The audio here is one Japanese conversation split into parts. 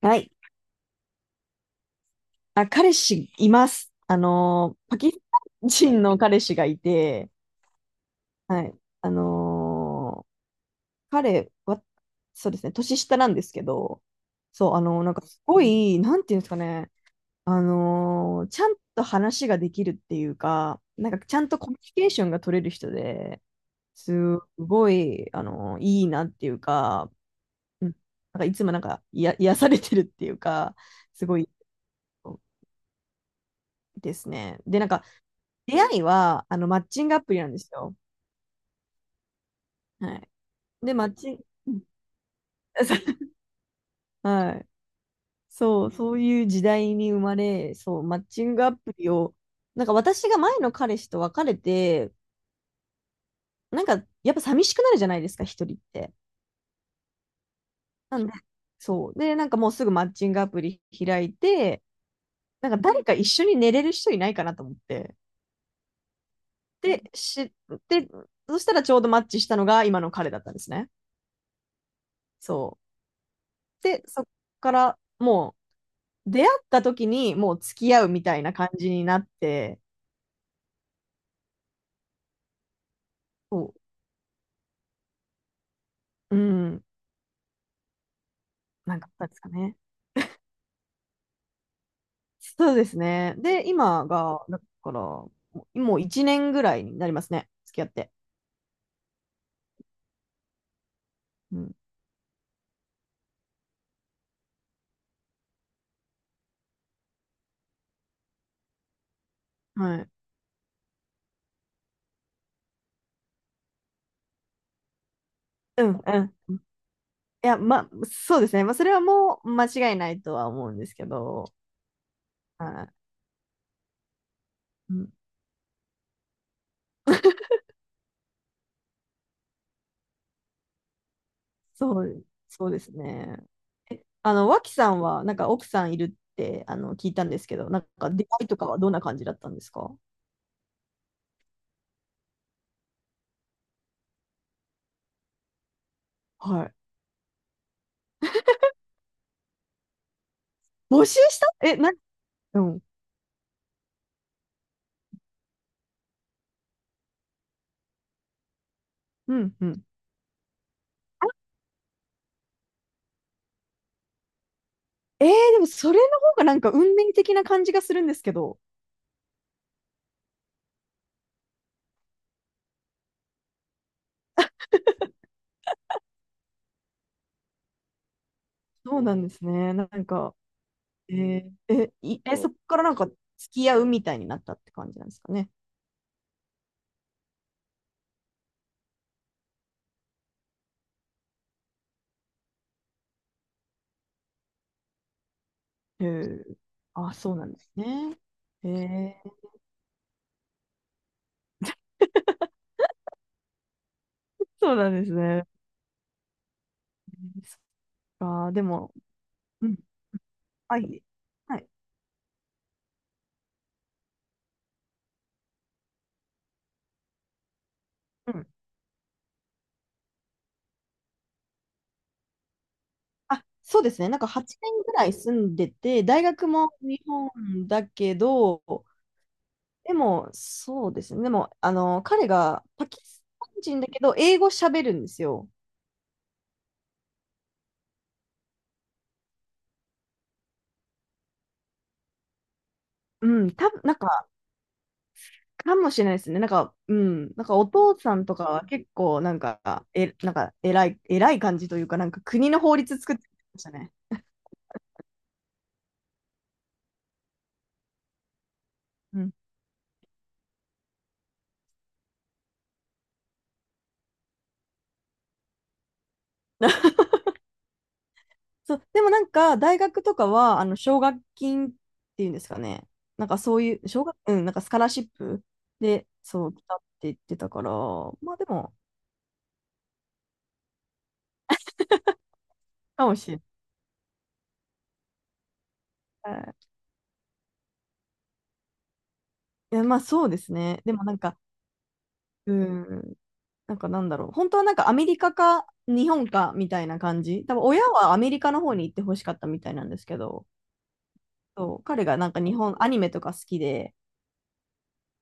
はい。あ、彼氏います。パキスタン人の彼氏がいて、はい。あのー彼は、そうですね、年下なんですけど、そう、なんかすごい、なんていうんですかね、ちゃんと話ができるっていうか、なんかちゃんとコミュニケーションが取れる人で、すごい、いいなっていうか、うん、なんかいつもなんか、いや、癒されてるっていうか、すごいですね。で、なんか、出会いは、マッチングアプリなんですよ。はい。で、マッチング、はい。そう、そういう時代に生まれ、そう、マッチングアプリを、なんか私が前の彼氏と別れて、なんか、やっぱ寂しくなるじゃないですか、一人って。なんで、そう。で、なんかもうすぐマッチングアプリ開いて、なんか誰か一緒に寝れる人いないかなと思って。で、し、で、そしたらちょうどマッチしたのが今の彼だったんですね。そう。で、そこから、もう、出会った時にもう付き合うみたいな感じになって、そう、うん、なんかあったんですかね。そうですね。で、今が、だから、もう1年ぐらいになりますね、付き合って。うん、はい。うん、うん。いや、ま、そうですね。まあ、それはもう間違いないとは思うんですけど、はい。うん、そう、そうですね。え、脇さんは、なんか奥さんいるって、聞いたんですけど、なんか出会いとかはどんな感じだったんですか？はい。募集した。え、な、うんうんうん。えー、でもそれの方がなんか運命的な感じがするんですけど、そうなんですね。なんか、えーえ、いえ、そこからなんか付き合うみたいになったって感じなんですかね。えー、あ、そうなんですね。えー、そうなんですね。そっか、でも、うん、はい、はい、うん。あ、そうですね。なんか8年ぐらい住んでて、大学も日本だけど、でも、そうですね。でも、彼がパキスタン人だけど、英語喋るんですよ。うん、多分なんか、かもしれないですね。なんか、うん、なんかお父さんとかは結構、なんか、え、なんか、偉い、偉い感じというか、なんか国の法律作ってましたね。うん。そう、でもなんか、大学とかは、奨学金っていうんですかね。なんかそういう、うん、なんかスカラシップで、そう、来たって言ってたから、まあでも、かもしれない。いや、まあそうですね。でもなんか、うん。なんかなんだろう。本当はなんかアメリカか日本かみたいな感じ。多分親はアメリカの方に行ってほしかったみたいなんですけど、そう彼がなんか日本、アニメとか好きで、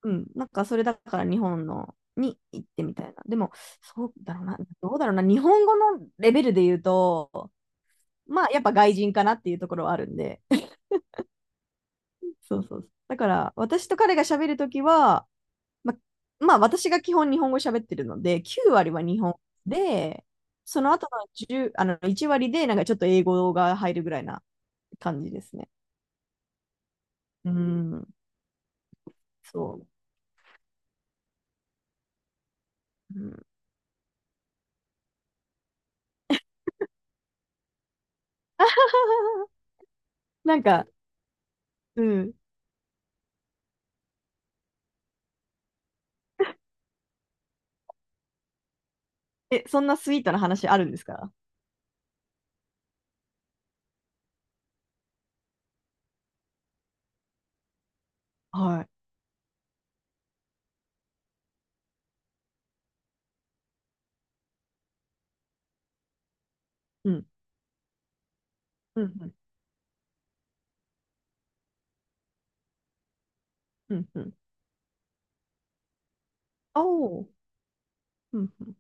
うん、なんかそれだから日本のに行ってみたいな。でも、そうだろうな、どうだろうな、日本語のレベルで言うと、まあやっぱ外人かなっていうところはあるんで、そうそうそう。だから私と彼が喋るときは、ま、まあ私が基本日本語喋ってるので、9割は日本で、その後の1あの1割でなんかちょっと英語が入るぐらいな感じですね。うん、そう。うん、なんか、うん。え、そんなスイートな話あるんですか？はい。うん。うん。うん。うん。おお。うん。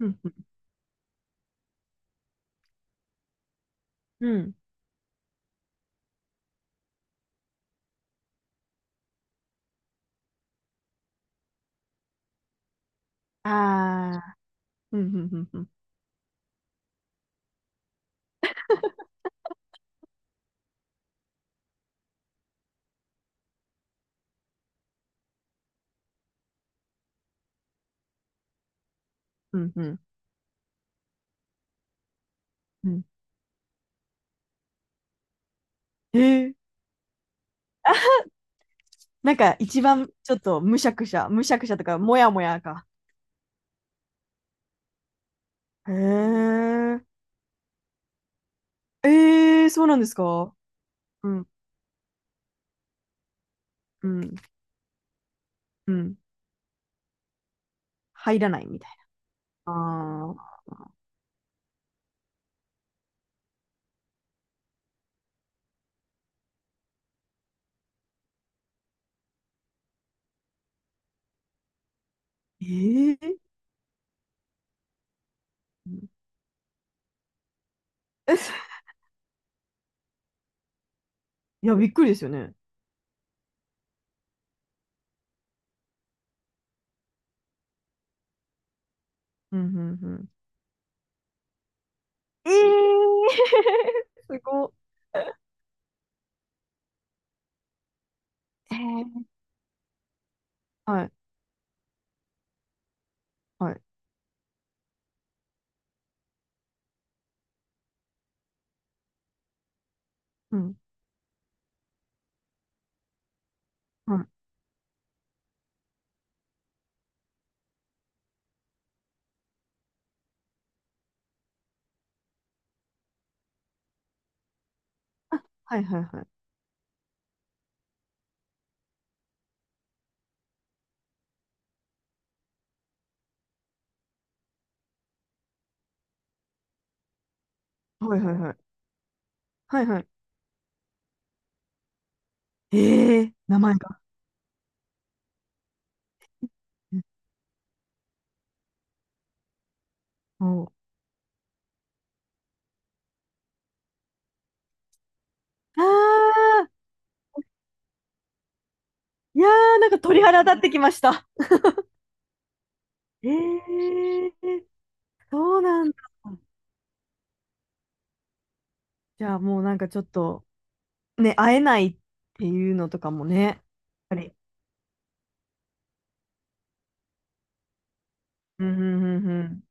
うん。うん。ああー。うん。うん。うん。うん。うんうんうん。へえ。なんか一番ちょっとむしゃくしゃ、むしゃくしゃとか、もやもやか。へえ。ええ、そうなんですか？うん、うん、うん。入らないみたいな。ああ。ええ。うん。え、いや、びっくりですよね。うん、うん、うん。ええ。 すごっ。ええ、はい、はい。うん、はい。あ、はい、はい、はい。はい、はい、はい。はい、はい。ええ、名前が。うん。おう。ああ、いやー、なんか鳥肌立ってきました。ええ、そうなんだ。じゃあもうなんかちょっと。ね、会えないっていうのとかもね。やっぱり。うんうんうん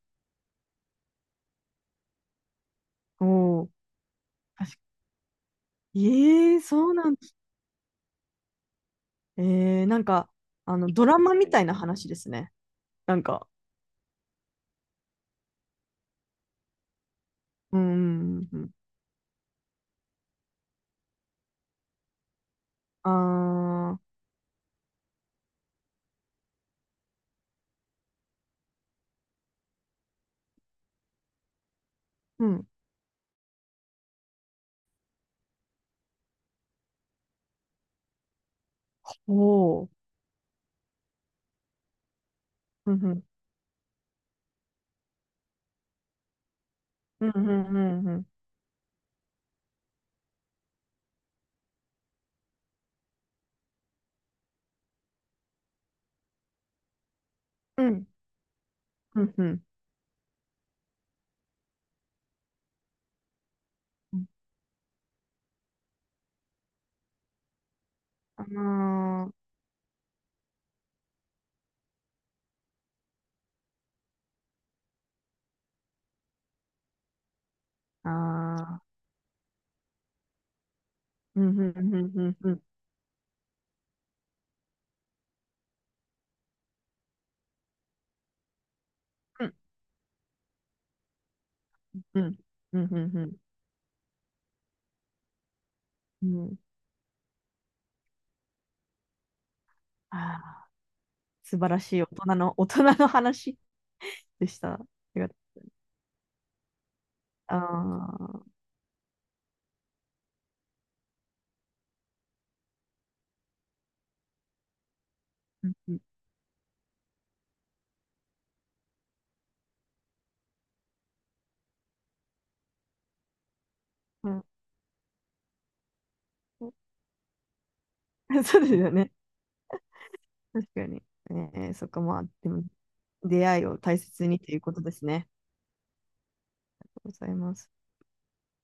うん。おお。確か。ええー、そうなんです。えなんか、ドラマみたいな話ですね。なんか、うんうんうん。ああ、うん。おお。うんうん。うんうんうんうん。うん。うんうん。ああ、ああ、うんうんうんうんうん。うん。うんうんうんうん。うん。ああ、素晴らしい大人の話でした。ありがとうございます。ああ、うんうんうん。 そうですよね。確かに。えそっか、まあ、でも、出会いを大切にということですね。ありがとうございます。